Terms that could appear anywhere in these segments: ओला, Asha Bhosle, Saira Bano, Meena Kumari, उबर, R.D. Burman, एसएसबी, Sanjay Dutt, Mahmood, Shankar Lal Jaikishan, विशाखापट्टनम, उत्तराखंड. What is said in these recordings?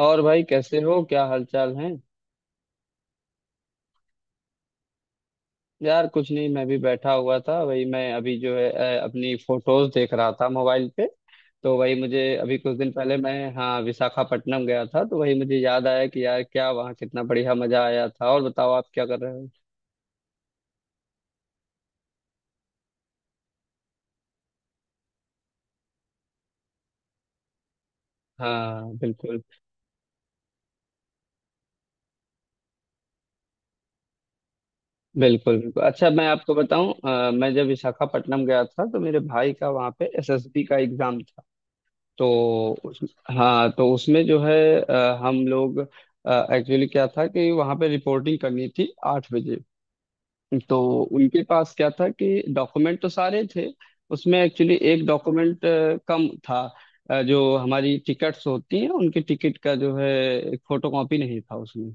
और भाई कैसे हो क्या हालचाल है। यार कुछ नहीं मैं भी बैठा हुआ था वही मैं अभी जो है अपनी फोटोज देख रहा था मोबाइल पे। तो वही मुझे अभी कुछ दिन पहले मैं हाँ विशाखापट्टनम गया था तो वही मुझे याद आया कि यार क्या वहाँ कितना बढ़िया मजा आया था। और बताओ आप क्या कर रहे हो। हाँ बिल्कुल। बिल्कुल बिल्कुल अच्छा मैं आपको बताऊं मैं जब विशाखापट्टनम गया था तो मेरे भाई का वहाँ पे एसएसबी का एग्जाम था। तो हाँ तो उसमें जो है हम लोग एक्चुअली क्या था कि वहाँ पे रिपोर्टिंग करनी थी 8 बजे। तो उनके पास क्या था कि डॉक्यूमेंट तो सारे थे उसमें एक्चुअली एक डॉक्यूमेंट कम था। जो हमारी टिकट्स होती हैं उनकी टिकट का जो है फोटो कॉपी नहीं था उसमें।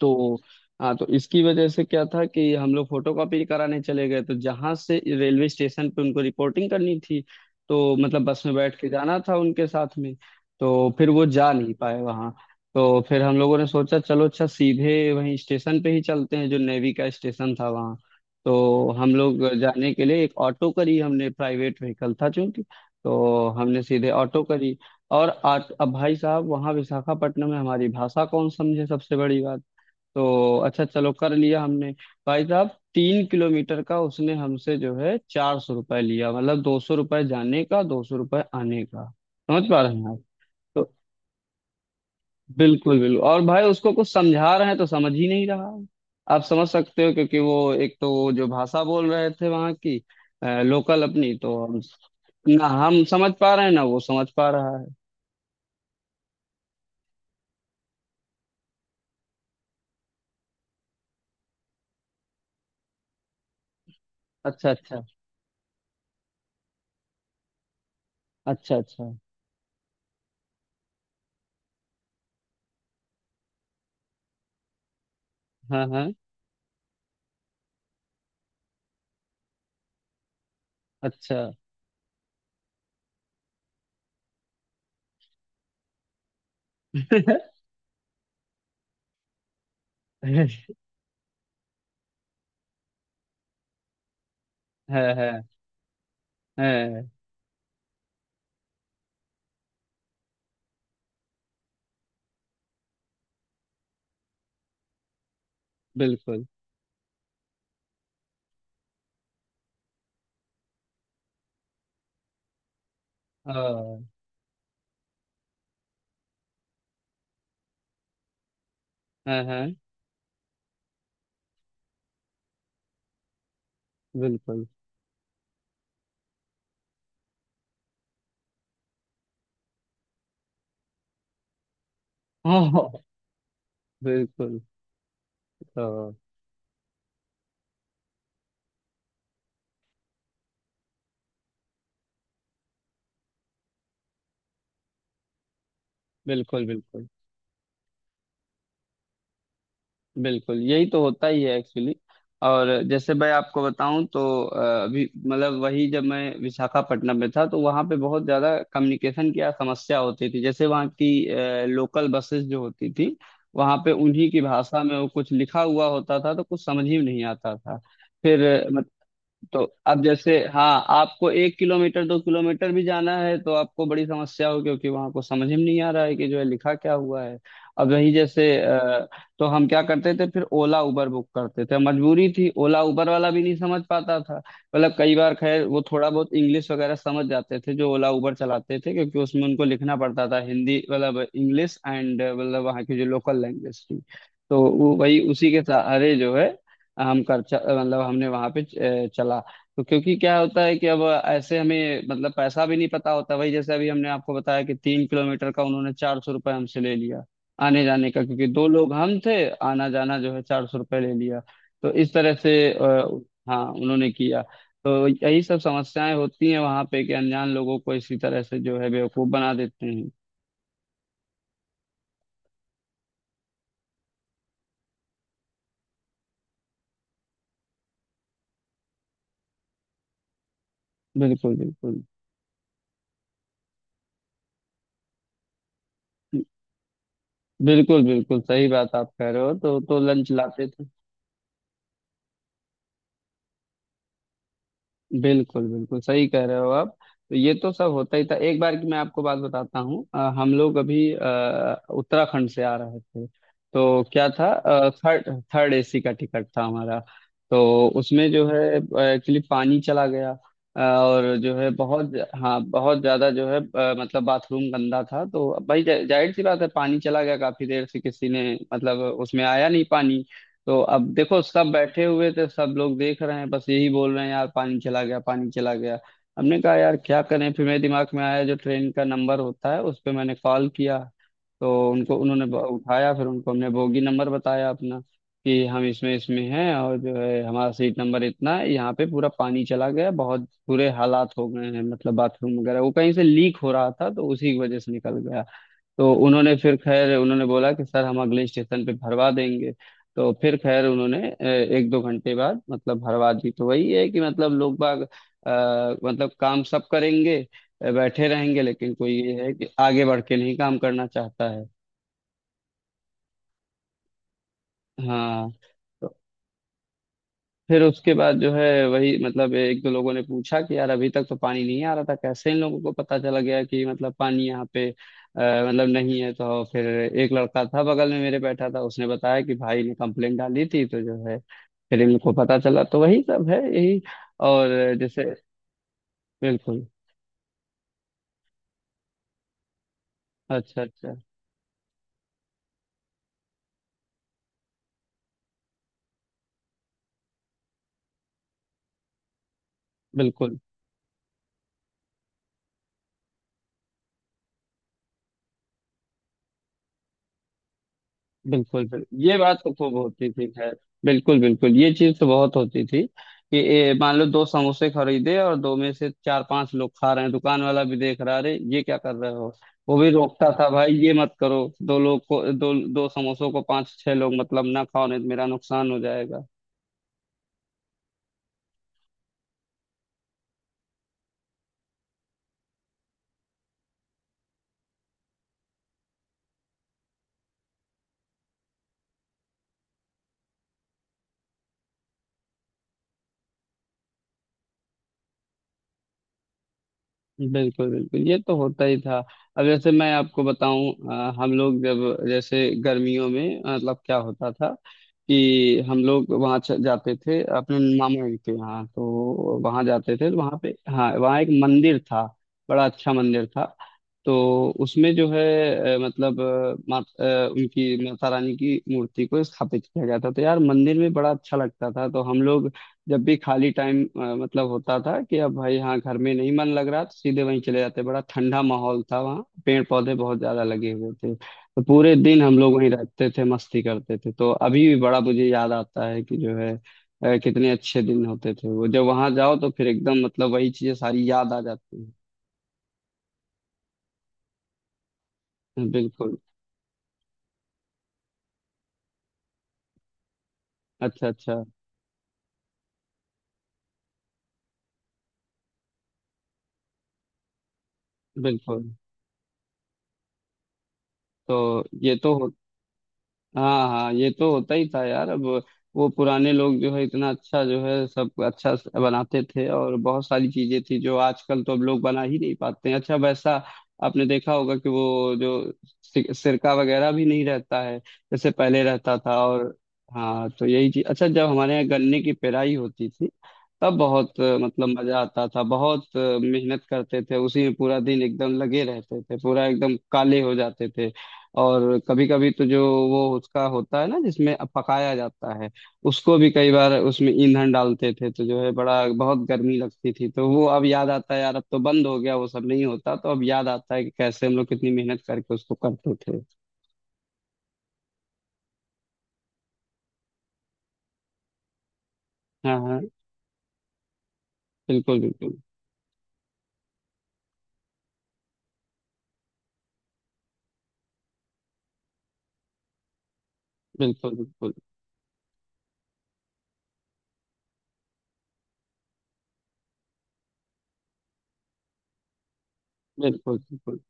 तो हाँ तो इसकी वजह से क्या था कि हम लोग फोटोकॉपी कराने चले गए तो जहां से रेलवे स्टेशन पे उनको रिपोर्टिंग करनी थी। तो मतलब बस में बैठ के जाना था उनके साथ में। तो फिर वो जा नहीं पाए वहां। तो फिर हम लोगों ने सोचा चलो अच्छा सीधे वहीं स्टेशन पे ही चलते हैं जो नेवी का स्टेशन था वहाँ। तो हम लोग जाने के लिए एक ऑटो करी हमने प्राइवेट व्हीकल था चूंकि। तो हमने सीधे ऑटो करी। और अब भाई साहब वहाँ विशाखापट्टनम में हमारी भाषा कौन समझे सबसे बड़ी बात। तो अच्छा चलो कर लिया हमने। भाई साहब 3 किलोमीटर का उसने हमसे जो है 400 रुपये लिया मतलब 200 रुपये जाने का 200 रुपये आने का। समझ पा रहे हैं आप। तो बिल्कुल बिल्कुल और भाई उसको कुछ समझा रहे हैं तो समझ ही नहीं रहा है। आप समझ सकते हो क्योंकि वो एक तो वो जो भाषा बोल रहे थे वहाँ की लोकल अपनी तो हम ना हम समझ पा रहे हैं ना वो समझ पा रहा है। अच्छा अच्छा। अच्छा अच्छा। हाँ हाँ। अच्छा। है। है। है बिल्कुल। हाँ हाँ हाँ। बिल्कुल। हाँ। बिल्कुल। हाँ बिल्कुल बिल्कुल। बिल्कुल यही तो होता ही है एक्चुअली। और जैसे मैं आपको बताऊं तो अभी मतलब वही जब मैं विशाखापट्टनम में था तो वहाँ पे बहुत ज़्यादा कम्युनिकेशन की समस्या होती थी जैसे वहाँ की लोकल बसेस जो होती थी वहाँ पे उन्हीं की भाषा में वो कुछ लिखा हुआ होता था तो कुछ समझ ही नहीं आता था। फिर तो अब जैसे हाँ आपको 1 किलोमीटर 2 किलोमीटर भी जाना है तो आपको बड़ी समस्या हो क्योंकि वहां को समझ ही नहीं आ रहा है कि जो है लिखा क्या हुआ है। अब वही जैसे तो हम क्या करते थे फिर ओला उबर बुक करते थे मजबूरी थी ओला उबर वाला भी नहीं समझ पाता था। मतलब कई बार खैर वो थोड़ा बहुत इंग्लिश वगैरह समझ जाते थे जो ओला उबर चलाते थे क्योंकि उसमें उनको लिखना पड़ता था हिंदी मतलब इंग्लिश एंड मतलब वहाँ की जो लोकल लैंग्वेज थी। तो वो वही उसी के सहारे जो है हम कर मतलब हमने वहां पे चला। तो क्योंकि क्या होता है कि अब ऐसे हमें मतलब पैसा भी नहीं पता होता भाई जैसे अभी हमने आपको बताया कि 3 किलोमीटर का उन्होंने 400 रुपये हमसे ले लिया आने जाने का क्योंकि दो लोग हम थे आना जाना जो है 400 रुपये ले लिया। तो इस तरह से हाँ उन्होंने किया। तो यही सब समस्याएं होती हैं वहां पे कि अनजान लोगों को इसी तरह से जो है बेवकूफ बना देते हैं। बिल्कुल बिल्कुल। बिल्कुल बिल्कुल सही बात आप कह रहे हो तो लंच लाते थे। बिल्कुल बिल्कुल सही कह रहे हो आप। तो ये तो सब होता ही था एक बार की मैं आपको बात बताता हूँ हम लोग अभी उत्तराखंड से आ रहे थे। तो क्या था थर्ड थर्ड एसी का टिकट था हमारा। तो उसमें जो है एक्चुअली पानी चला गया। और जो है बहुत हाँ बहुत ज्यादा जो है मतलब बाथरूम गंदा था तो भाई जाहिर सी बात है पानी चला गया काफी देर से किसी ने मतलब उसमें आया नहीं पानी। तो अब देखो सब बैठे हुए थे सब लोग देख रहे हैं बस यही बोल रहे हैं यार पानी चला गया पानी चला गया। हमने कहा यार क्या करें फिर मेरे दिमाग में आया जो ट्रेन का नंबर होता है उस पर मैंने कॉल किया। तो उनको उन्होंने उठाया फिर उनको हमने बोगी नंबर बताया अपना कि हम इसमें इसमें हैं और जो है हमारा सीट नंबर इतना है यहाँ पे पूरा पानी चला गया बहुत बुरे हालात हो गए हैं मतलब बाथरूम वगैरह वो कहीं से लीक हो रहा था तो उसी की वजह से निकल गया। तो उन्होंने फिर खैर उन्होंने बोला कि सर हम अगले स्टेशन पे भरवा देंगे। तो फिर खैर उन्होंने एक दो घंटे बाद मतलब भरवा दी तो वही है कि मतलब लोग बाग मतलब काम सब करेंगे बैठे रहेंगे लेकिन कोई ये है कि आगे बढ़ के नहीं काम करना चाहता है। हाँ तो फिर उसके बाद जो है वही मतलब एक दो लोगों ने पूछा कि यार अभी तक तो पानी नहीं आ रहा था कैसे इन लोगों को पता चला गया कि मतलब पानी यहाँ पे मतलब नहीं है तो फिर एक लड़का था बगल में मेरे बैठा था उसने बताया कि भाई ने कंप्लेंट डाली थी तो जो है फिर इनको पता चला तो वही सब है यही और जैसे बिल्कुल। अच्छा अच्छा। बिल्कुल बिल्कुल। बिल्कुल ये बात तो खूब होती थी खैर। बिल्कुल बिल्कुल ये चीज तो बहुत होती थी कि मान लो दो समोसे खरीदे और दो में से चार पांच लोग खा रहे हैं दुकान वाला भी देख रहा अरे ये क्या कर रहे हो। वो भी रोकता था भाई ये मत करो दो लोग को दो दो समोसों को पांच छह लोग मतलब ना खाओ नहीं तो मेरा नुकसान हो जाएगा। बिल्कुल बिल्कुल ये तो होता ही था। अब जैसे मैं आपको बताऊं हम लोग जब जैसे गर्मियों में मतलब क्या होता था कि हम लोग वहाँ जाते थे अपने मामा जी के यहाँ। तो वहाँ जाते थे तो वहाँ पे हाँ वहाँ एक मंदिर था बड़ा अच्छा मंदिर था। तो उसमें जो है मतलब उनकी माता रानी की मूर्ति को स्थापित किया गया था तो यार मंदिर में बड़ा अच्छा लगता था। तो हम लोग जब भी खाली टाइम मतलब होता था कि अब भाई हाँ घर में नहीं मन लग रहा तो सीधे वहीं चले जाते बड़ा ठंडा माहौल था वहाँ पेड़ पौधे बहुत ज्यादा लगे हुए थे तो पूरे दिन हम लोग वहीं रहते थे मस्ती करते थे। तो अभी भी बड़ा मुझे याद आता है कि जो है कितने अच्छे दिन होते थे वो जब वहां जाओ तो फिर एकदम मतलब वही चीजें सारी याद आ जाती हैं बिल्कुल। अच्छा अच्छा। बिल्कुल तो ये तो हाँ हाँ ये तो होता ही था यार अब वो पुराने लोग जो है इतना अच्छा जो है सब अच्छा बनाते थे और बहुत सारी चीजें थी जो आजकल तो अब लोग बना ही नहीं पाते हैं अच्छा वैसा। आपने देखा होगा कि वो जो सिरका वगैरह भी नहीं रहता है जैसे पहले रहता था। और हाँ तो यही चीज अच्छा जब हमारे यहाँ गन्ने की पेराई होती थी तब बहुत मतलब मजा आता था बहुत मेहनत करते थे उसी में पूरा दिन एकदम लगे रहते थे पूरा एकदम काले हो जाते थे। और कभी कभी तो जो वो उसका होता है ना जिसमें पकाया जाता है उसको भी कई बार उसमें ईंधन डालते थे तो जो है बड़ा बहुत गर्मी लगती थी। तो वो अब याद आता है यार अब तो बंद हो गया वो सब नहीं होता तो अब याद आता है कि कैसे हम लोग कितनी मेहनत करके उसको करते थे। हाँ हाँ बिल्कुल बिल्कुल। बिल्कुल बिल्कुल। बिल्कुल बिल्कुल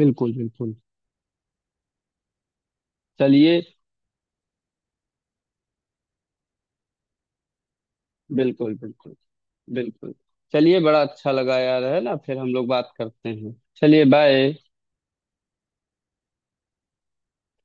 बिल्कुल बिल्कुल। चलिए बिल्कुल बिल्कुल बिल्कुल। चलिए बड़ा अच्छा लगा यार है ना फिर हम लोग बात करते हैं। चलिए बाय।